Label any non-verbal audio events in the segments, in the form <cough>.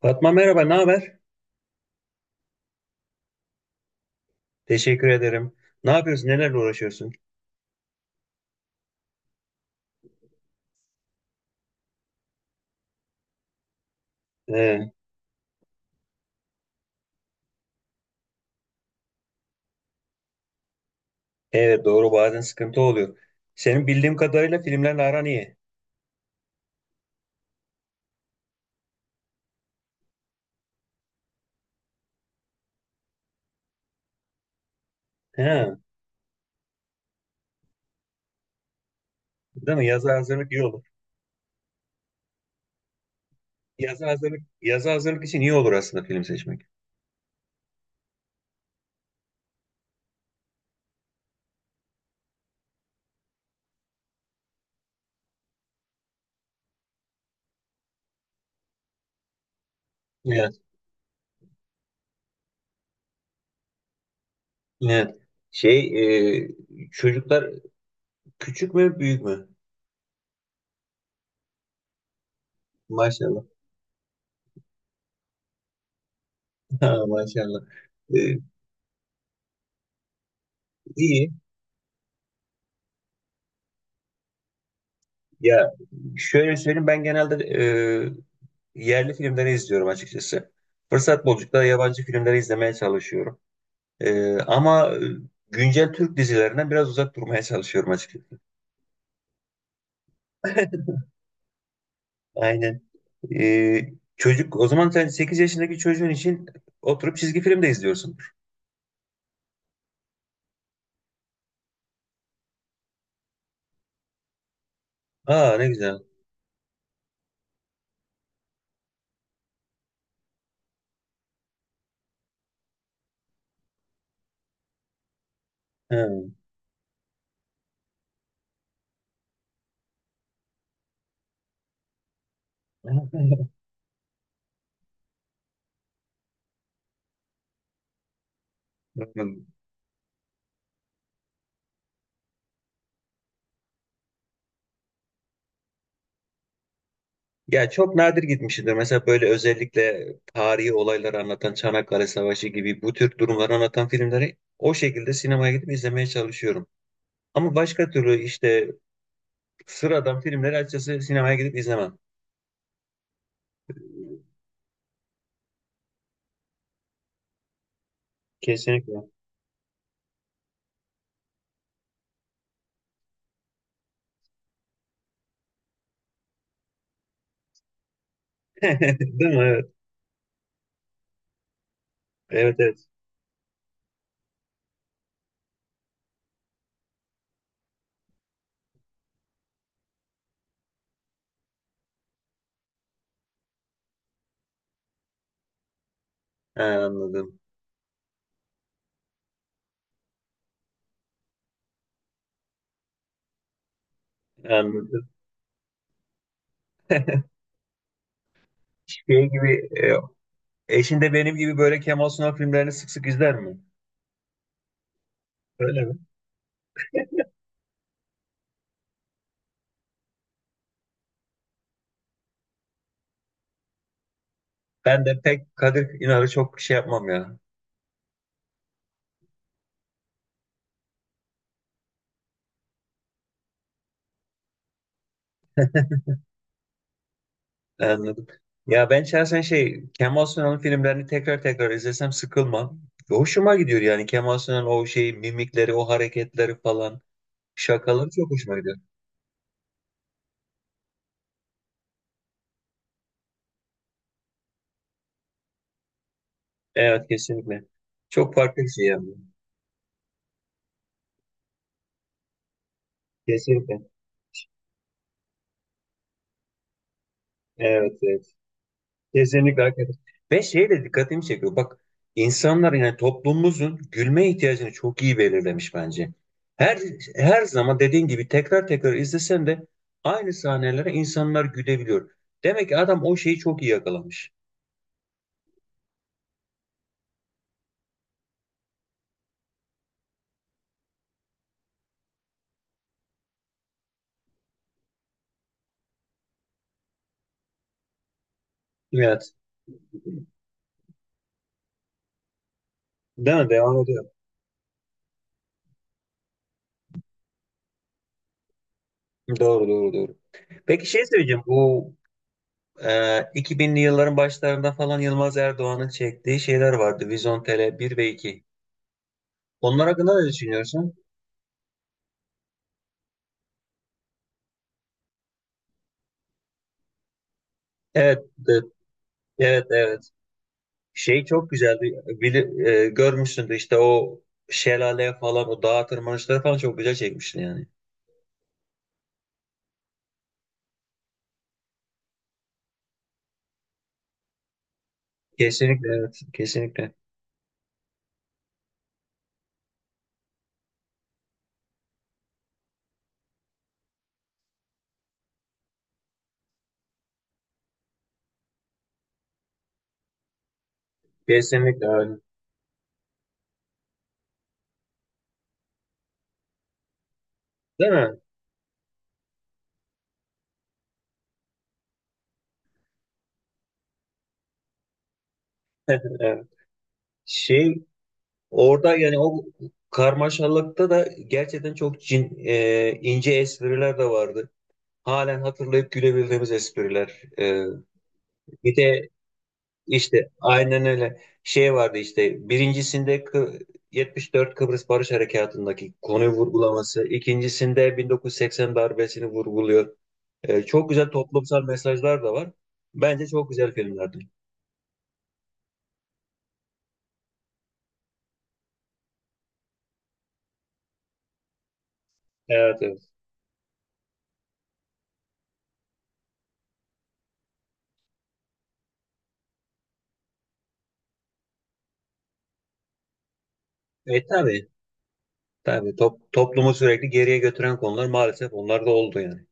Fatma merhaba, ne haber? Teşekkür ederim. Ne yapıyorsun, nelerle uğraşıyorsun? Ee, evet doğru bazen sıkıntı oluyor. Senin bildiğim kadarıyla filmlerle aran iyi. Ha, değil mi? Yaza hazırlık iyi olur. Yaza hazırlık için iyi olur aslında film seçmek. Evet, evet. Şey, e, çocuklar küçük mü, büyük mü? Maşallah. <laughs> Ha, maşallah. Ee, iyi. Ya şöyle söyleyeyim ben genelde yerli filmleri izliyorum açıkçası. Fırsat buldukça da yabancı filmleri izlemeye çalışıyorum. Ama güncel Türk dizilerinden biraz uzak durmaya çalışıyorum açıkçası. Aynen. Ee, o zaman sen 8 yaşındaki çocuğun için oturup çizgi film de izliyorsundur. Aa ne güzel. Ha. <laughs> Ya çok nadir gitmişimdir. Mesela böyle özellikle tarihi olayları anlatan Çanakkale Savaşı gibi bu tür durumları anlatan filmleri o şekilde sinemaya gidip izlemeye çalışıyorum. Ama başka türlü işte sıradan filmleri açıkçası sinemaya gidip izlemem. Kesinlikle. <laughs> Değil mi? Evet. Evet, evet. Ha, anladım. Anladım. Şey gibi e, eşin de benim gibi böyle Kemal Sunal filmlerini sık sık izler mi? Öyle mi? Ben de pek Kadir İnanır'ı çok şey yapmam ya. Anladım. Ya, ben şahsen şey Kemal Sunal'ın filmlerini tekrar tekrar izlesem sıkılmam. Hoşuma gidiyor yani Kemal Sunal'ın o şey mimikleri, o hareketleri falan, şakaları çok hoşuma gidiyor. Evet, kesinlikle. Çok farklı bir şey yani. Kesinlikle. Evet, evet. Kesinlikle hakikaten. Ve şey de dikkatimi çekiyor. Bak, insanlar yani toplumumuzun gülme ihtiyacını çok iyi belirlemiş bence. Her her zaman dediğin gibi tekrar tekrar izlesen de aynı sahnelere insanlar gülebiliyor. Demek ki adam o şeyi çok iyi yakalamış. Evet. Değil mi? Devam ediyor. Doğru doğru doğru. Peki şey söyleyeceğim. Bu e, 2000'li yılların başlarında falan Yılmaz Erdoğan'ın çektiği şeyler vardı. Vizontele 1 ve 2. Onlar hakkında ne düşünüyorsun? Evet. Evet, evet. Şey çok güzeldi. Görmüşsündür işte o şelale falan o dağ tırmanışları falan çok güzel çekmişsin yani. Kesinlikle evet. Kesinlikle. Kesinlikle öyle. Değil mi? <laughs> Evet. Şey orada yani o karmaşalıkta da gerçekten çok ince espriler de vardı. Halen hatırlayıp gülebildiğimiz espriler. Bir de İşte aynen öyle şey vardı işte birincisinde 74 Kıbrıs Barış Harekatı'ndaki konuyu vurgulaması, ikincisinde 1980 darbesini vurguluyor. Çok güzel toplumsal mesajlar da var. Bence çok güzel filmlerdi. Evet, evet. Tabii tabii toplumu sürekli geriye götüren konular maalesef onlar da oldu yani.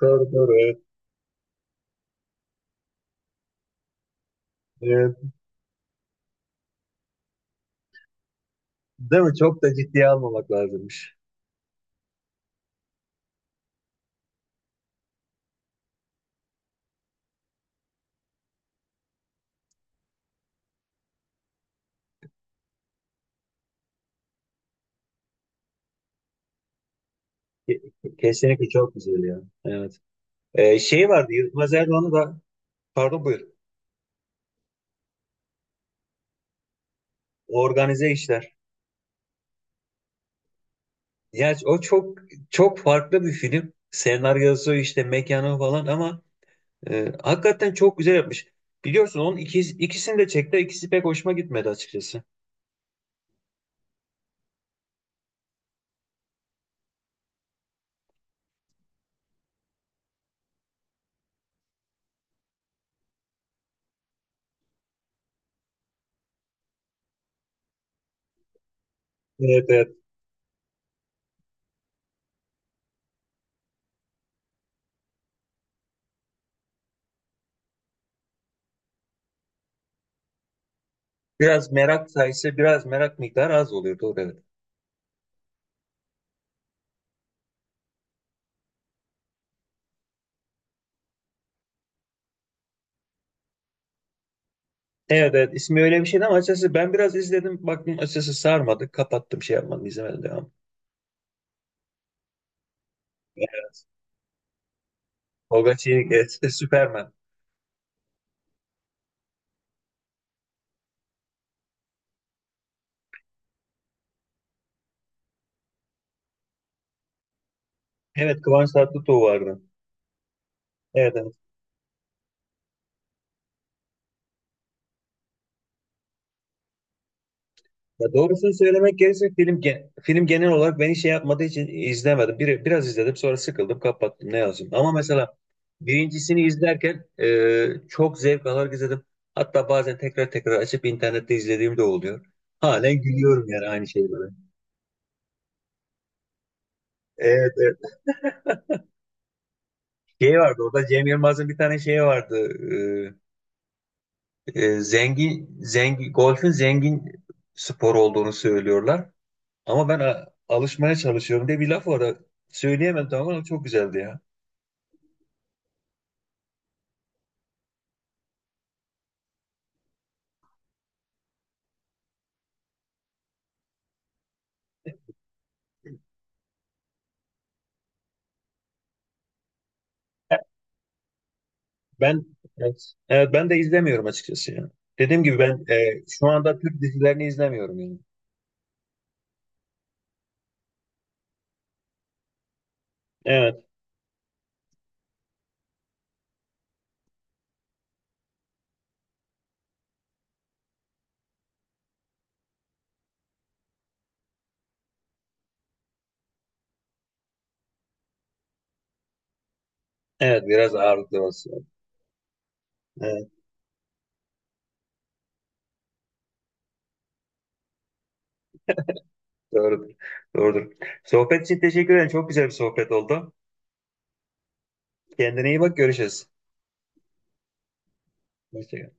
Doğru doğru evet. Evet. Değil mi? Çok da ciddiye almamak lazımmış. Kesinlikle çok güzel ya. Evet. Şey vardı Yılmaz Erdoğan'ı da pardon buyur. Organize işler. Ya o çok çok farklı bir film. Senaryosu işte mekanı falan ama hakikaten çok güzel yapmış. Biliyorsun onun ikisini de çekti. İkisi pek hoşuma gitmedi açıkçası. Evet, evet. Biraz merak miktarı az oluyor. Doğru evet. Evet, evet. İsmi öyle bir şeydi ama açıkçası ben biraz izledim. Baktım açıkçası sarmadı. Kapattım, şey yapmadım, izlemedim devam. Evet. Tolga Çevik, evet, <laughs> Superman. Evet, Kıvanç Tatlıtuğ vardı. Evet, evet. Ya doğrusunu söylemek gerekirse film genel olarak beni şey yapmadığı için izlemedim. Biraz izledim sonra sıkıldım kapattım ne yazayım. Ama mesela birincisini izlerken çok zevk alarak izledim. Hatta bazen tekrar tekrar açıp internette izlediğim de oluyor. Halen gülüyorum yani aynı şeylere. Evet, evet. Şey vardı orada Cem Yılmaz'ın bir tane şeyi vardı. Golfün zengin spor olduğunu söylüyorlar. Ama ben alışmaya çalışıyorum diye bir laf var. Söyleyemem tamam ama çok güzeldi ya. Ben evet, evet ben de izlemiyorum açıkçası ya. Dediğim gibi ben şu anda Türk dizilerini izlemiyorum yani. Evet, evet biraz ağırlıklı basıyor. Evet, doğrudur. Doğrudur. Sohbet için teşekkür ederim. Çok güzel bir sohbet oldu. Kendine iyi bak, görüşürüz. Hoşça kal.